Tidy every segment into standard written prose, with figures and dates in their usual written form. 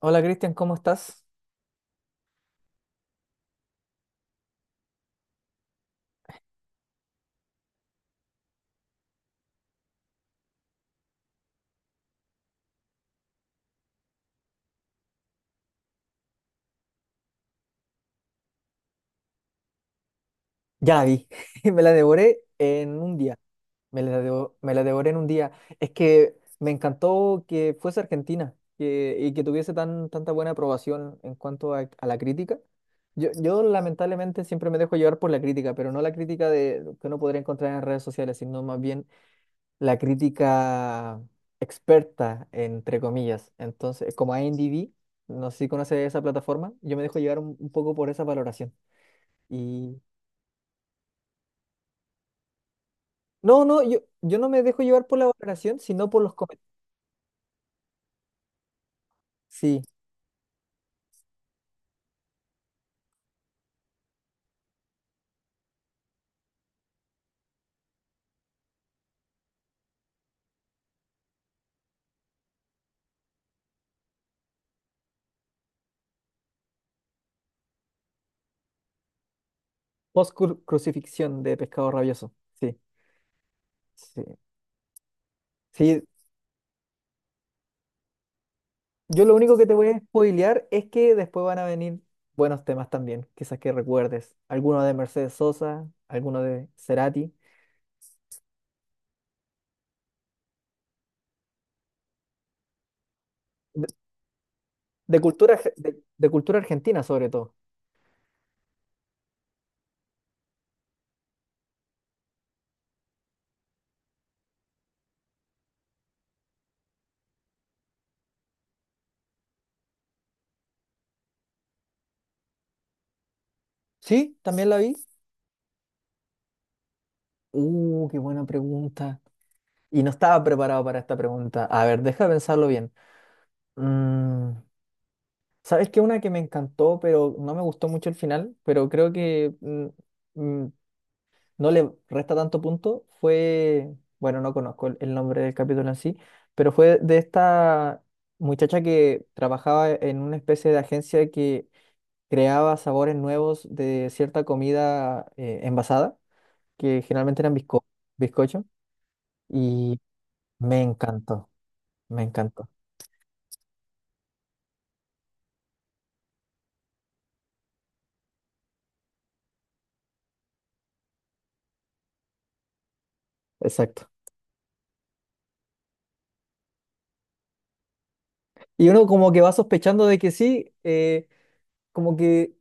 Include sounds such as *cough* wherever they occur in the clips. Hola Cristian, ¿cómo estás? Ya la vi, *laughs* me la devoré en un día, me la devoré en un día. Es que me encantó que fuese Argentina y que tuviese tanta buena aprobación en cuanto a la crítica. Yo lamentablemente siempre me dejo llevar por la crítica, pero no la crítica que uno podría encontrar en redes sociales, sino más bien la crítica experta, entre comillas. Entonces, como IMDb, no sé si conoces esa plataforma, yo me dejo llevar un poco por esa valoración. Y no, no, yo no me dejo llevar por la valoración, sino por los comentarios. Sí, post-crucifixión de Pescado Rabioso. Sí, sí. Sí, yo lo único que te voy a spoilear es que después van a venir buenos temas también, quizás que recuerdes. Alguno de Mercedes Sosa, alguno de Cerati. De, de cultura argentina, sobre todo. Sí, también la vi. Qué buena pregunta. Y no estaba preparado para esta pregunta. A ver, deja de pensarlo bien. Mm. ¿Sabes qué? Una que me encantó, pero no me gustó mucho el final, pero creo que mm, no le resta tanto punto, fue, bueno, no conozco el nombre del capítulo en sí, pero fue de esta muchacha que trabajaba en una especie de agencia que creaba sabores nuevos de cierta comida envasada, que generalmente eran bizcocho, y me encantó, me encantó, exacto. Y uno como que va sospechando de que sí, como que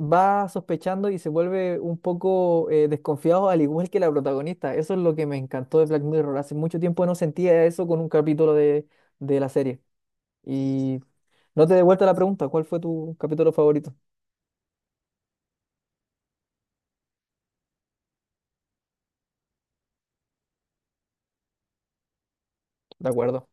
va sospechando y se vuelve un poco desconfiado, al igual que la protagonista. Eso es lo que me encantó de Black Mirror. Hace mucho tiempo no sentía eso con un capítulo de la serie. Y no te devuelta la pregunta, ¿cuál fue tu capítulo favorito? De acuerdo.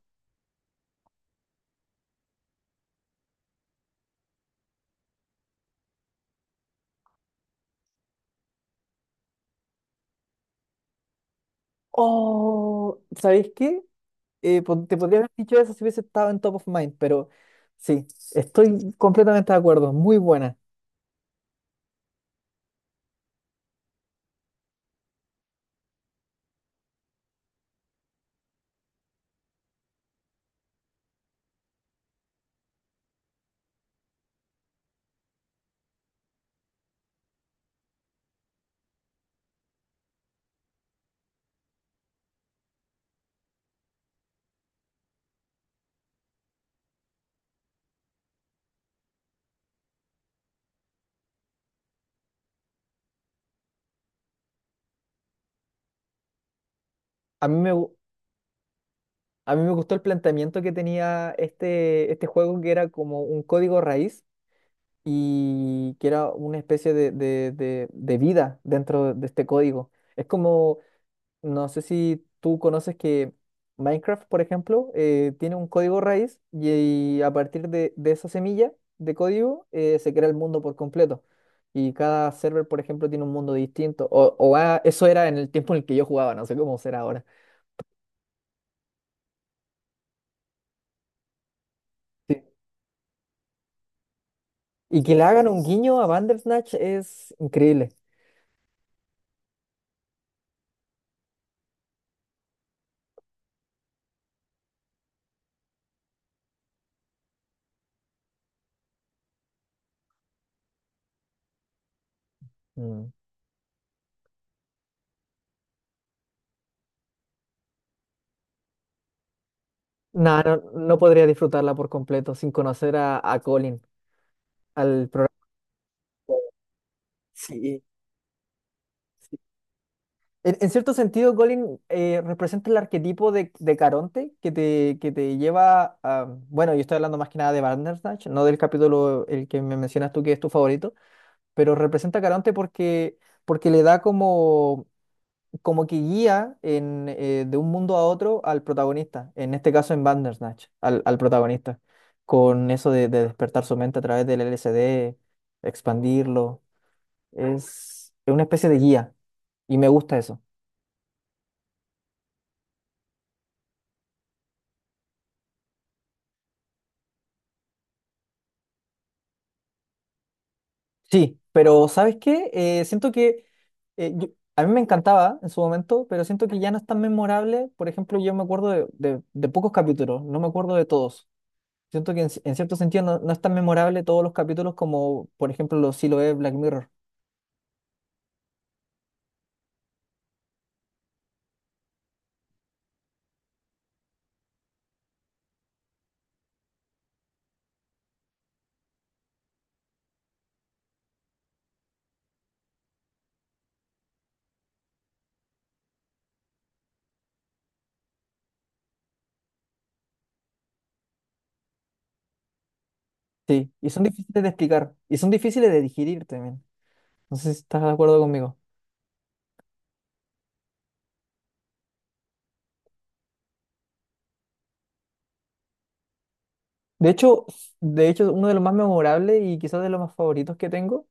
Oh, ¿sabéis qué? Te podría haber dicho eso si hubiese estado en Top of Mind, pero sí, estoy completamente de acuerdo. Muy buena. A mí me, gu- a mí me gustó el planteamiento que tenía este juego que era como un código raíz y que era una especie de vida dentro de este código. Es como, no sé si tú conoces que Minecraft, por ejemplo, tiene un código raíz y, a partir de esa semilla de código se crea el mundo por completo. Y cada server, por ejemplo, tiene un mundo distinto. Eso era en el tiempo en el que yo jugaba, no sé cómo será ahora. Sí. Y que le hagan un guiño a Bandersnatch es increíble. Mm. Nah, no, no podría disfrutarla por completo sin conocer a Colin, al programa. Sí, sí. En cierto sentido, Colin representa el arquetipo de Caronte que te lleva a... Bueno, yo estoy hablando más que nada de Bandersnatch, no del capítulo el que me mencionas tú que es tu favorito, pero representa a Caronte porque, porque le da como como que guía en, de un mundo a otro al protagonista, en este caso en Bandersnatch, al protagonista, con eso de despertar su mente a través del LSD, expandirlo. Es una especie de guía y me gusta eso. Sí, pero ¿sabes qué? Siento que eh, yo- a mí me encantaba en su momento, pero siento que ya no es tan memorable. Por ejemplo, yo me acuerdo de pocos capítulos, no me acuerdo de todos. Siento que en cierto sentido no, no es tan memorable todos los capítulos como, por ejemplo, los sí lo es Black Mirror. Sí, y son difíciles de explicar y son difíciles de digerir también. No sé si estás de acuerdo conmigo. De hecho, de hecho, uno de los más memorables y quizás de los más favoritos que tengo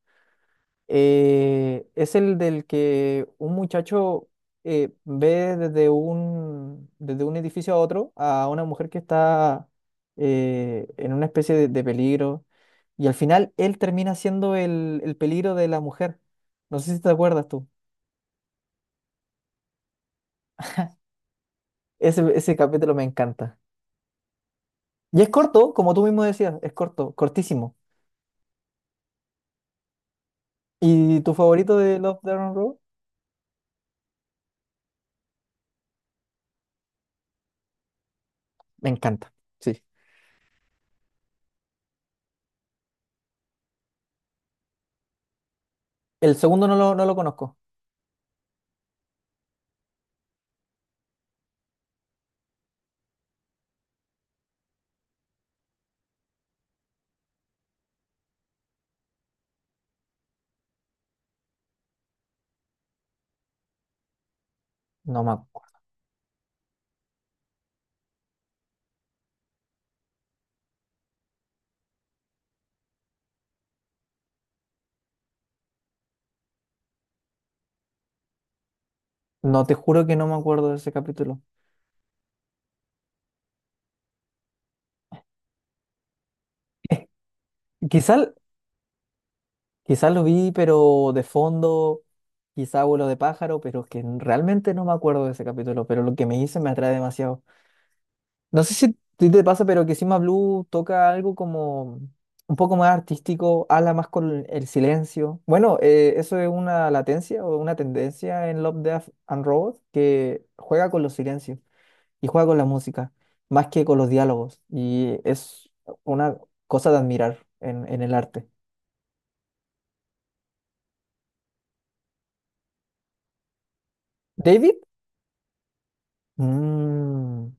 es el del que un muchacho ve desde un edificio a otro a una mujer que está en una especie de peligro y al final él termina siendo el peligro de la mujer. No sé si te acuerdas tú. Ese capítulo me encanta. Y es corto, como tú mismo decías, es corto, cortísimo. ¿Y tu favorito de Love, Death and Robots? Me encanta, sí. El segundo no lo conozco. No me, acu- no te juro que no me acuerdo de ese capítulo. Quizás quizás lo vi, pero de fondo, quizá vuelo de pájaro, pero es que realmente no me acuerdo de ese capítulo, pero lo que me hice me atrae demasiado. No sé si a ti te pasa, pero que Sima Blue toca algo como un poco más artístico, habla más con el silencio. Bueno, eso es una latencia o una tendencia en Love, Death and Robots que juega con los silencios y juega con la música, más que con los diálogos. Y es una cosa de admirar en el arte. David. Mm.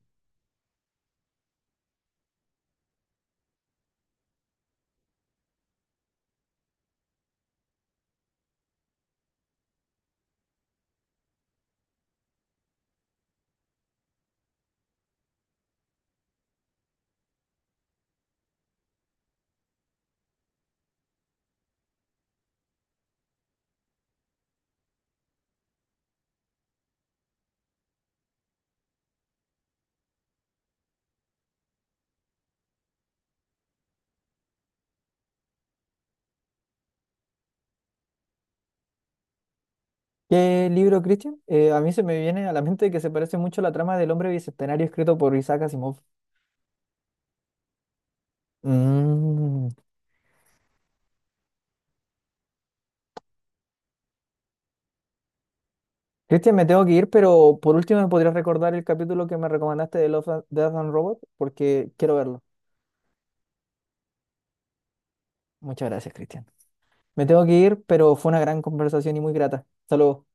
¿Qué libro, Cristian? A mí se me viene a la mente que se parece mucho a la trama del hombre bicentenario escrito por Isaac Asimov. Mm. Cristian, me tengo que ir, pero por último me podrías recordar el capítulo que me recomendaste de Love, Death and Robot, porque quiero verlo. Muchas gracias, Cristian. Me tengo que ir, pero fue una gran conversación y muy grata. Saludos.